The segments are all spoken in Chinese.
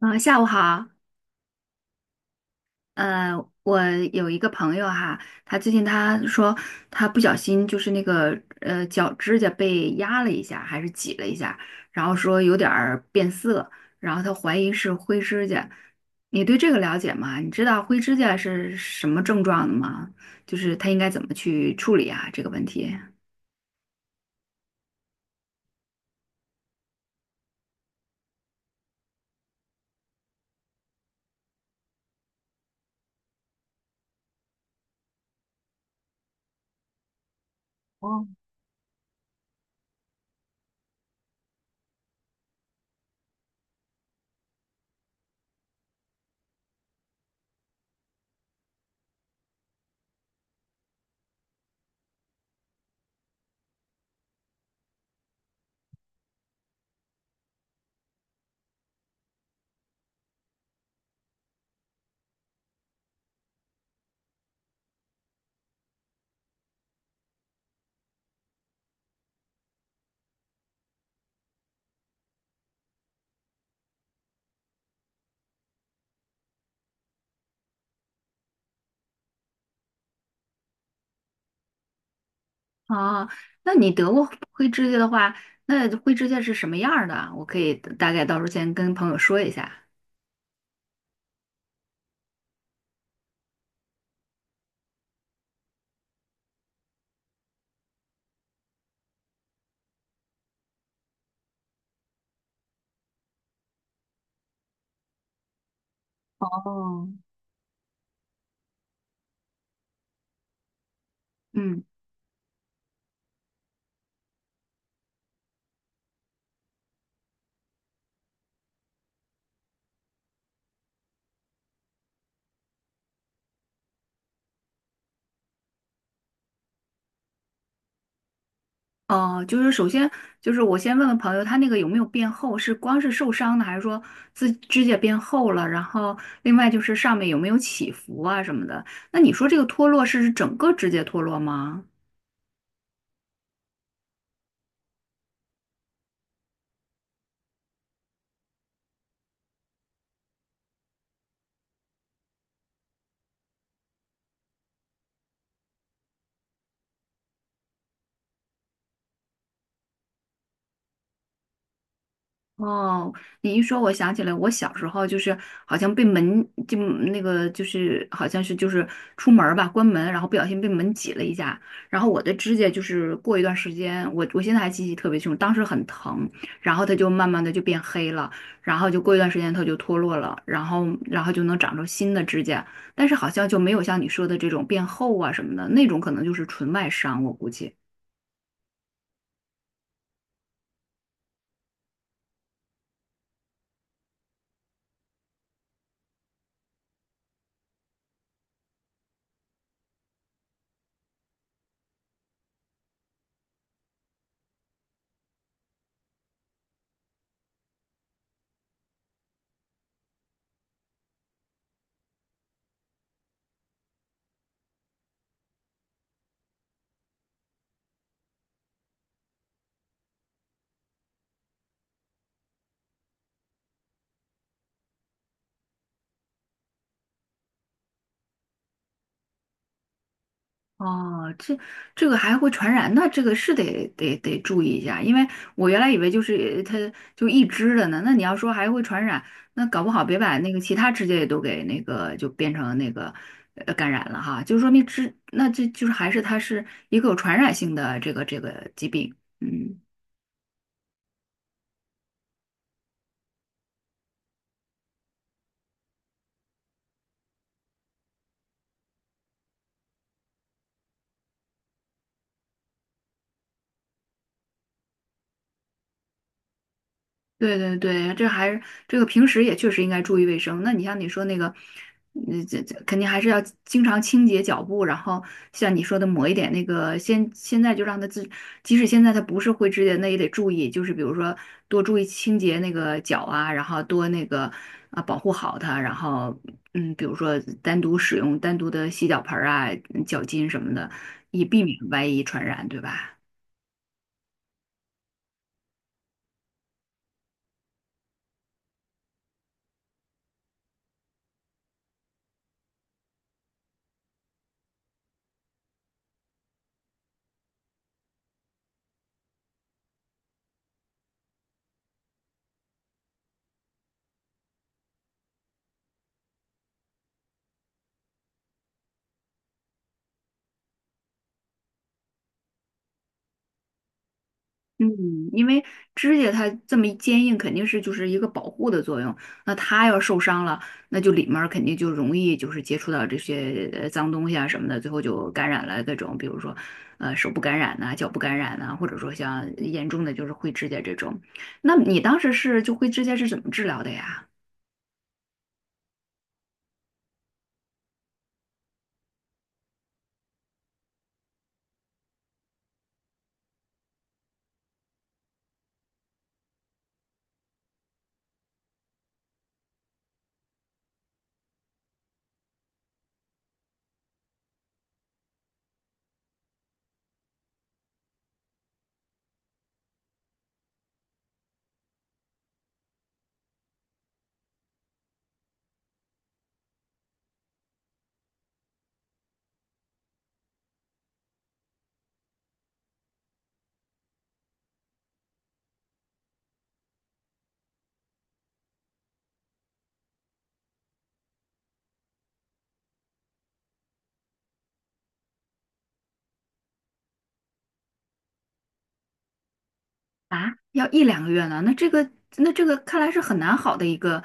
啊，下午好。呃，我有一个朋友哈，他最近说他不小心就是那个脚指甲被压了一下，还是挤了一下，然后说有点儿变色，然后他怀疑是灰指甲。你对这个了解吗？你知道灰指甲是什么症状的吗？就是他应该怎么去处理啊这个问题？哦，那你得过灰指甲的话，那灰指甲是什么样儿的？我可以大概到时候先跟朋友说一下。哦，嗯。哦，就是首先就是我先问问朋友，他那个有没有变厚？是光是受伤的，还是说自指甲变厚了？然后另外就是上面有没有起伏啊什么的？那你说这个脱落是指整个指甲脱落吗？哦，你一说，我想起来，我小时候就是好像被门就那个就是好像是就是出门儿吧，关门，然后不小心被门挤了一下，然后我的指甲就是过一段时间，我现在还记忆特别清楚，当时很疼，然后它就慢慢的就变黑了，然后就过一段时间它就脱落了，然后就能长出新的指甲，但是好像就没有像你说的这种变厚啊什么的，那种可能就是纯外伤，我估计。哦，这个还会传染，那这个是得注意一下，因为我原来以为就是它就一只的呢，那你要说还会传染，那搞不好别把那个其他指甲也都给那个就变成那个感染了哈，就说明只那这就是还是它是一个有传染性的这个疾病，嗯。对对对，这还是这个平时也确实应该注意卫生。那你像你说那个，嗯，这这肯定还是要经常清洁脚部，然后像你说的抹一点那个，现在就让他自，即使现在他不是灰指甲，那也得注意，就是比如说多注意清洁那个脚啊，然后多那个啊保护好它，然后嗯，比如说单独使用单独的洗脚盆儿啊、嗯脚巾什么的，以避免外一传染，对吧？嗯，因为指甲它这么一坚硬，肯定是就是一个保护的作用。那它要受伤了，那就里面儿肯定就容易就是接触到这些脏东西啊什么的，最后就感染了各种，比如说手部感染呐、脚部感染呐、或者说像严重的就是灰指甲这种。那你当时是就灰指甲是怎么治疗的呀？啊，要一两个月呢？那这个，那这个看来是很难好的一个，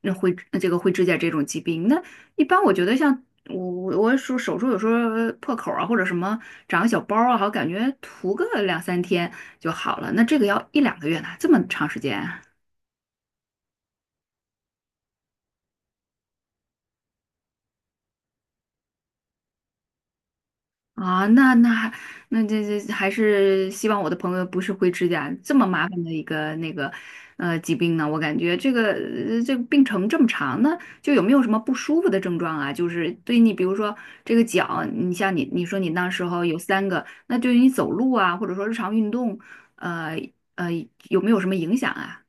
那灰这个灰指甲这种疾病。那一般我觉得像我手术有时候破口啊，或者什么长个小包啊，好感觉涂个两三天就好了。那这个要一两个月呢，这么长时间啊？啊，那那还那这这还是希望我的朋友不是灰指甲这么麻烦的一个那个疾病呢。我感觉这个这个病程这么长呢，就有没有什么不舒服的症状啊？就是对你，比如说这个脚，你像你说你那时候有三个，那对于你走路啊，或者说日常运动，呃呃有没有什么影响啊？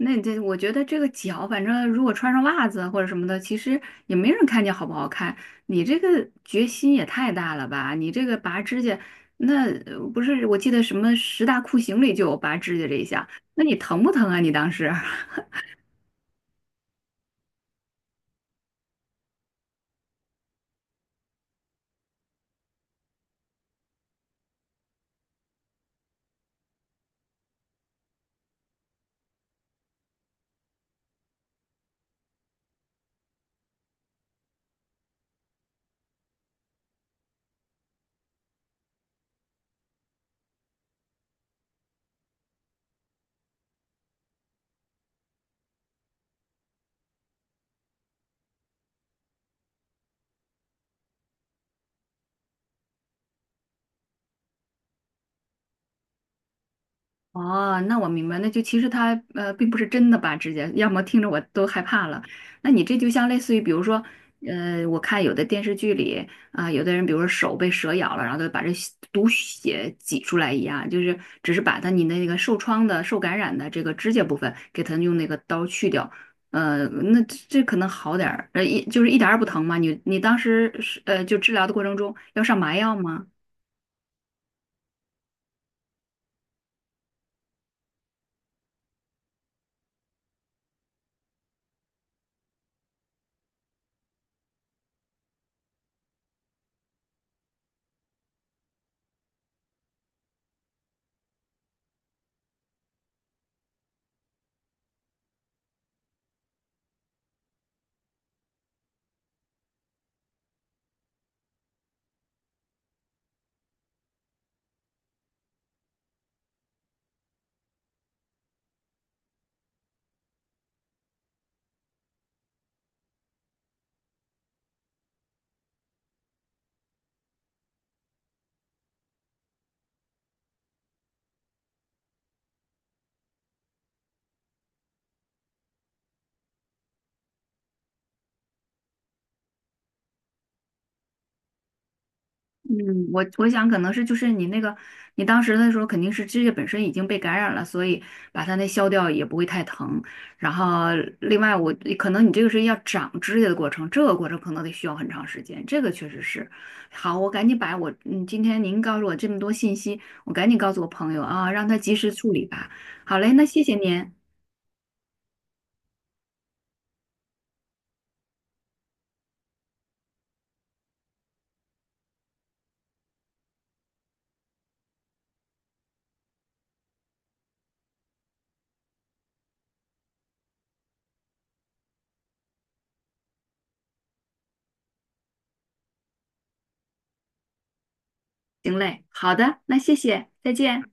那你这，我觉得这个脚，反正如果穿上袜子或者什么的，其实也没人看见好不好看。你这个决心也太大了吧！你这个拔指甲，那不是我记得什么十大酷刑里就有拔指甲这一项，那你疼不疼啊？你当时？哦，那我明白，那就其实他，并不是真的拔指甲，要么听着我都害怕了。那你这就像类似于，比如说，呃，我看有的电视剧里啊、有的人比如说手被蛇咬了，然后就把这血毒血挤出来一样，就是只是把他你那个受创的、受感染的这个指甲部分给他用那个刀去掉。呃，那这这可能好点儿，呃，一就是一点儿也不疼嘛。你你当时是就治疗的过程中要上麻药吗？嗯，我想可能是就是你那个，你当时的时候肯定是指甲本身已经被感染了，所以把它那削掉也不会太疼。然后另外我可能你这个是要长指甲的过程，这个过程可能得需要很长时间，这个确实是。好，我赶紧把我嗯今天您告诉我这么多信息，我赶紧告诉我朋友啊，让他及时处理吧。好嘞，那谢谢您。行嘞，好的，那谢谢，再见。